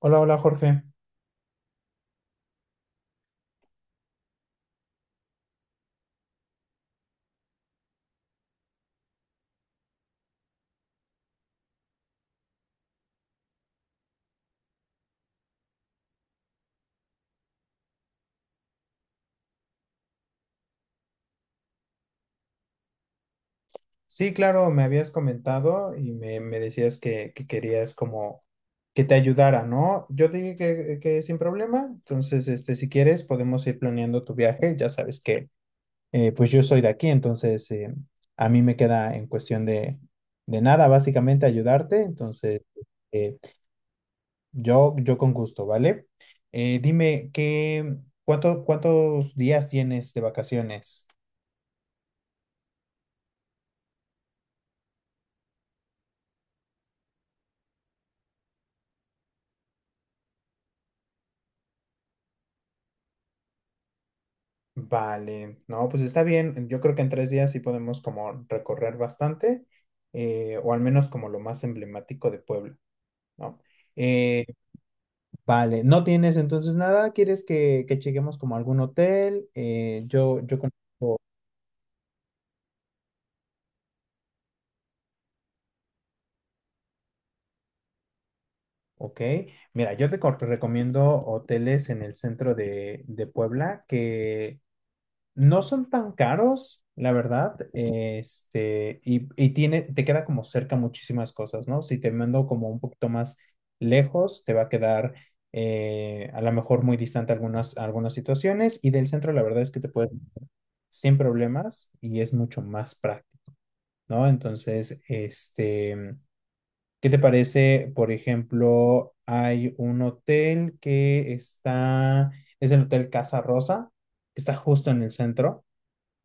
Hola, hola Jorge. Sí, claro, me habías comentado y me decías que querías como que te ayudara, ¿no? Yo te dije que sin problema, entonces, este, si quieres, podemos ir planeando tu viaje. Ya sabes que, pues yo soy de aquí, entonces a mí me queda en cuestión de nada, básicamente ayudarte. Entonces, eh, yo con gusto, ¿vale? Dime, cuántos días tienes de vacaciones? Vale, no, pues está bien. Yo creo que en 3 días sí podemos como recorrer bastante, o al menos como lo más emblemático de Puebla, ¿no? Eh, vale, ¿no tienes entonces nada? ¿Quieres que lleguemos como a algún hotel? Yo con... Ok, mira, yo recomiendo hoteles en el centro de Puebla que no son tan caros, la verdad, este, y te queda como cerca muchísimas cosas, ¿no? Si te mando como un poquito más lejos, te va a quedar a lo mejor muy distante algunas situaciones, y del centro la verdad es que te puedes sin problemas y es mucho más práctico, ¿no? Entonces, este, ¿qué te parece? Por ejemplo, hay un hotel es el Hotel Casa Rosa, que está justo en el centro.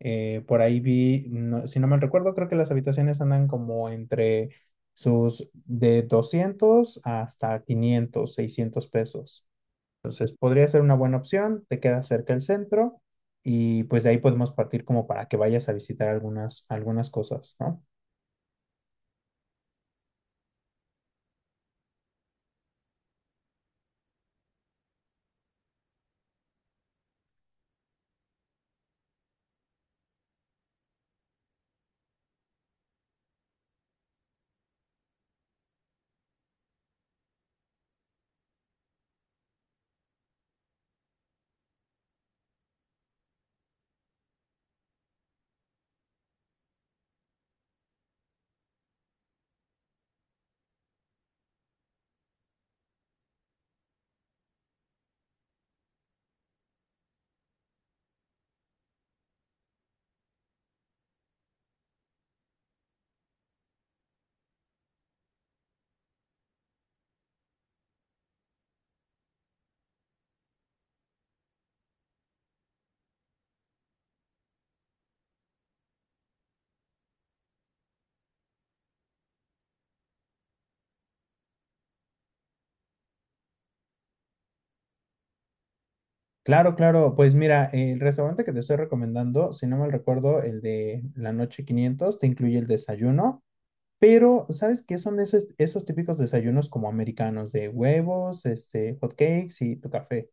Por ahí vi, si no mal recuerdo, creo que las habitaciones andan como entre sus de 200 hasta 500-600 pesos. Entonces podría ser una buena opción, te queda cerca el centro y pues de ahí podemos partir como para que vayas a visitar algunas cosas, ¿no? Claro, claro, pues mira, el restaurante que te estoy recomendando, si no mal recuerdo, el de la noche 500 te incluye el desayuno. Pero, ¿sabes qué son esos típicos desayunos como americanos de huevos, este, hot cakes y tu café?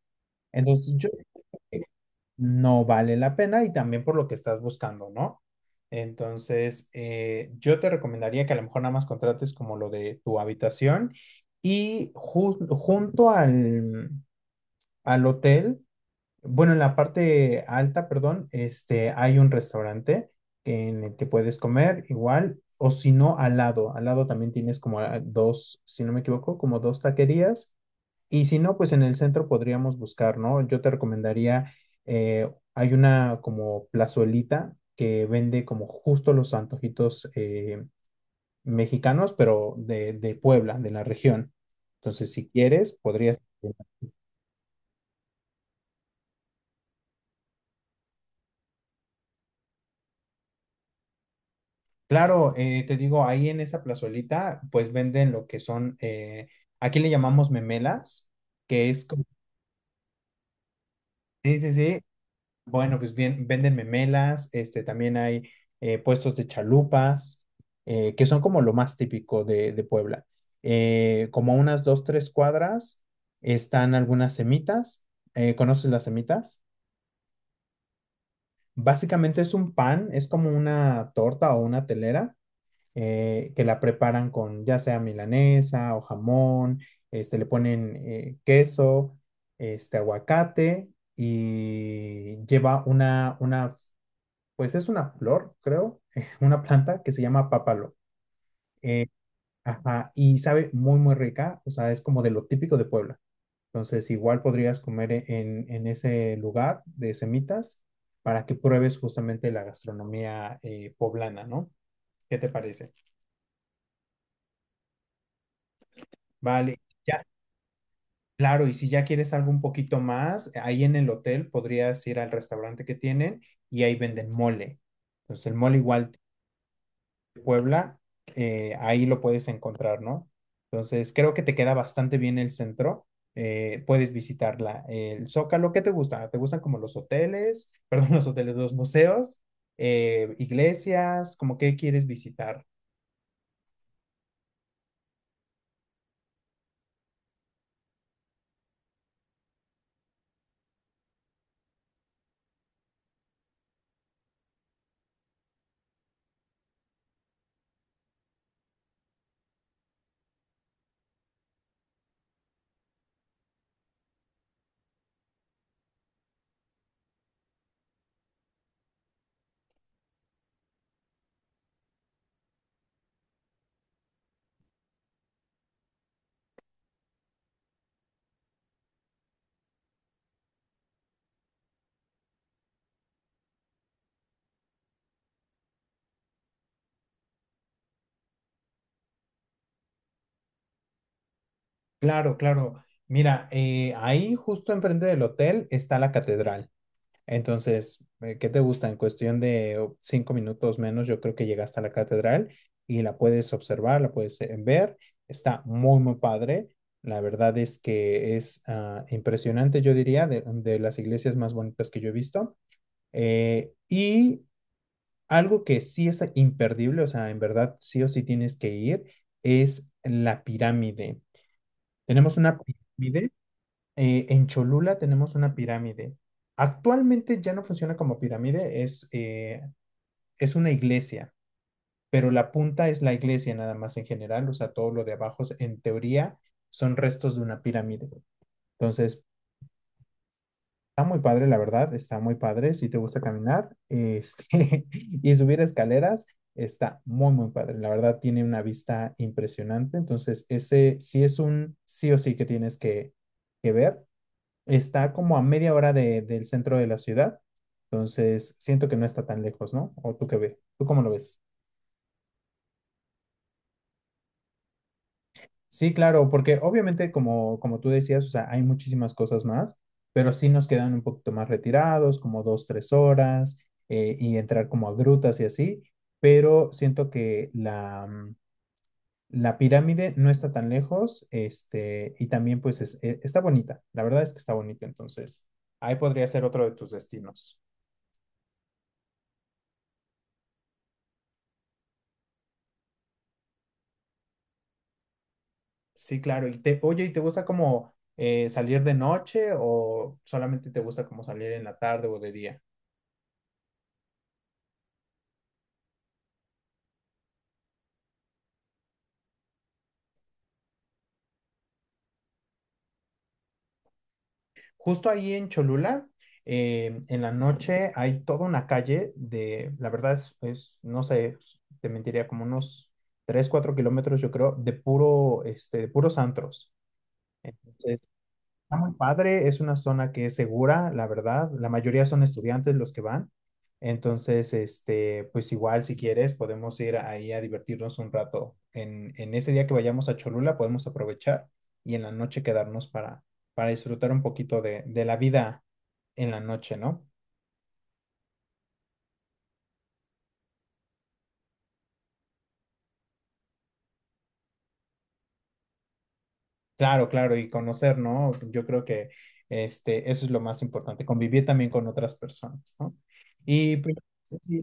Entonces, yo sé que no vale la pena y también por lo que estás buscando, ¿no? Entonces, yo te recomendaría que a lo mejor nada más contrates como lo de tu habitación y junto al hotel, bueno, en la parte alta, perdón, este, hay un restaurante en el que puedes comer igual, o si no, al lado. Al lado también tienes como dos, si no me equivoco, como dos taquerías. Y si no, pues en el centro podríamos buscar, ¿no? Yo te recomendaría, hay una como plazuelita que vende como justo los antojitos mexicanos, pero de Puebla, de la región. Entonces, si quieres, podrías. Claro, te digo, ahí en esa plazuelita, pues venden lo que son, aquí le llamamos memelas, que es como, sí, sí, sí, bueno, pues bien, venden memelas, este, también hay puestos de chalupas, que son como lo más típico de Puebla. Como a unas 2, 3 cuadras están algunas semitas, ¿conoces las semitas? Básicamente es un pan, es como una torta o una telera que la preparan con ya sea milanesa o jamón, este, le ponen queso, este, aguacate y lleva una, pues es una flor, creo, una planta que se llama pápalo. Eh, ajá, y sabe muy, muy rica, o sea, es como de lo típico de Puebla. Entonces, igual podrías comer en ese lugar de semitas para que pruebes justamente la gastronomía poblana, ¿no? ¿Qué te parece? Vale. Ya. Claro, y si ya quieres algo un poquito más, ahí en el hotel podrías ir al restaurante que tienen y ahí venden mole. Entonces el mole igual de Puebla, ahí lo puedes encontrar, ¿no? Entonces creo que te queda bastante bien el centro. Puedes visitarla. El Zócalo, ¿qué te gusta? ¿Te gustan como los hoteles, perdón, los hoteles, los museos, iglesias? ¿Cómo qué quieres visitar? Claro, claro. Mira, ahí justo enfrente del hotel está la catedral. Entonces, ¿qué te gusta? En cuestión de oh, 5 minutos menos, yo creo que llegaste a la catedral y la puedes observar, la puedes ver. Está muy, muy padre. La verdad es que es ah, impresionante, yo diría, de las iglesias más bonitas que yo he visto. Y algo que sí es imperdible, o sea, en verdad sí o sí tienes que ir, es la pirámide. Tenemos una pirámide en Cholula tenemos una pirámide. Actualmente ya no funciona como pirámide, es una iglesia, pero la punta es la iglesia nada más en general, o sea, todo lo de abajo en teoría son restos de una pirámide. Entonces, está muy padre, la verdad, está muy padre. Si te gusta caminar este, y subir escaleras, está muy, muy padre. La verdad, tiene una vista impresionante. Entonces, ese sí es un sí o sí que tienes que ver. Está como a media hora del centro de la ciudad, entonces siento que no está tan lejos, ¿no? ¿O tú qué ves? ¿Tú cómo lo ves? Sí, claro, porque obviamente como, como tú decías, o sea, hay muchísimas cosas más, pero sí nos quedan un poquito más retirados, como 2, 3 horas, y entrar como a grutas y así, pero siento que la pirámide no está tan lejos, este, y también pues está bonita, la verdad es que está bonita, entonces ahí podría ser otro de tus destinos. Sí, claro. Y oye, ¿y te gusta como salir de noche o solamente te gusta como salir en la tarde o de día? Justo ahí en Cholula, en la noche hay toda una calle de, la verdad no sé, te mentiría, como unos 3, 4 kilómetros, yo creo, este, de puros antros. Entonces, está muy padre, es una zona que es segura, la verdad. La mayoría son estudiantes los que van. Entonces, este, pues igual si quieres, podemos ir ahí a divertirnos un rato. En ese día que vayamos a Cholula, podemos aprovechar y en la noche quedarnos para, disfrutar un poquito de la vida en la noche, ¿no? Claro, claro, y conocer, ¿no? Yo creo que este, eso es lo más importante, convivir también con otras personas, ¿no? Y pues, sí,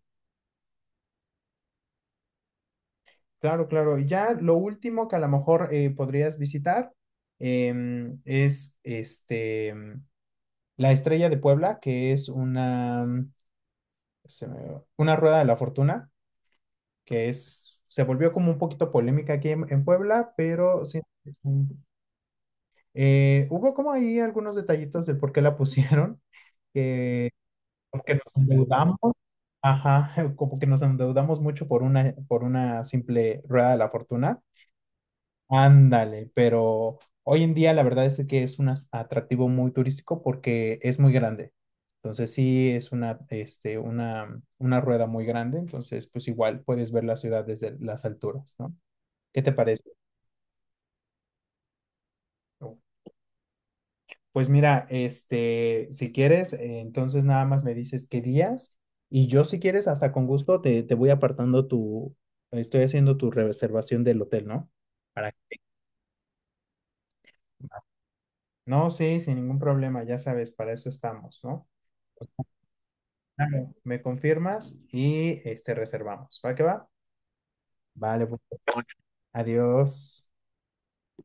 claro, claro. Y ya lo último que a lo mejor podrías visitar es este, la Estrella de Puebla, que es una, una rueda de la fortuna, que se volvió como un poquito polémica aquí en Puebla, pero sí, hubo como ahí algunos detallitos de por qué la pusieron, que como que nos endeudamos, ajá, como que nos endeudamos mucho por una, simple rueda de la fortuna. Ándale, pero hoy en día la verdad es que es un atractivo muy turístico porque es muy grande. Entonces sí es una, este, una rueda muy grande, entonces pues igual puedes ver la ciudad desde las alturas, ¿no? ¿Qué te parece? Pues mira, este, si quieres, entonces nada más me dices qué días y yo si quieres hasta con gusto te voy apartando estoy haciendo tu reservación del hotel, ¿no? Para... No, sí, sin ningún problema, ya sabes, para eso estamos, ¿no? Claro, me confirmas y este reservamos. ¿Va que va? Vale, pues adiós.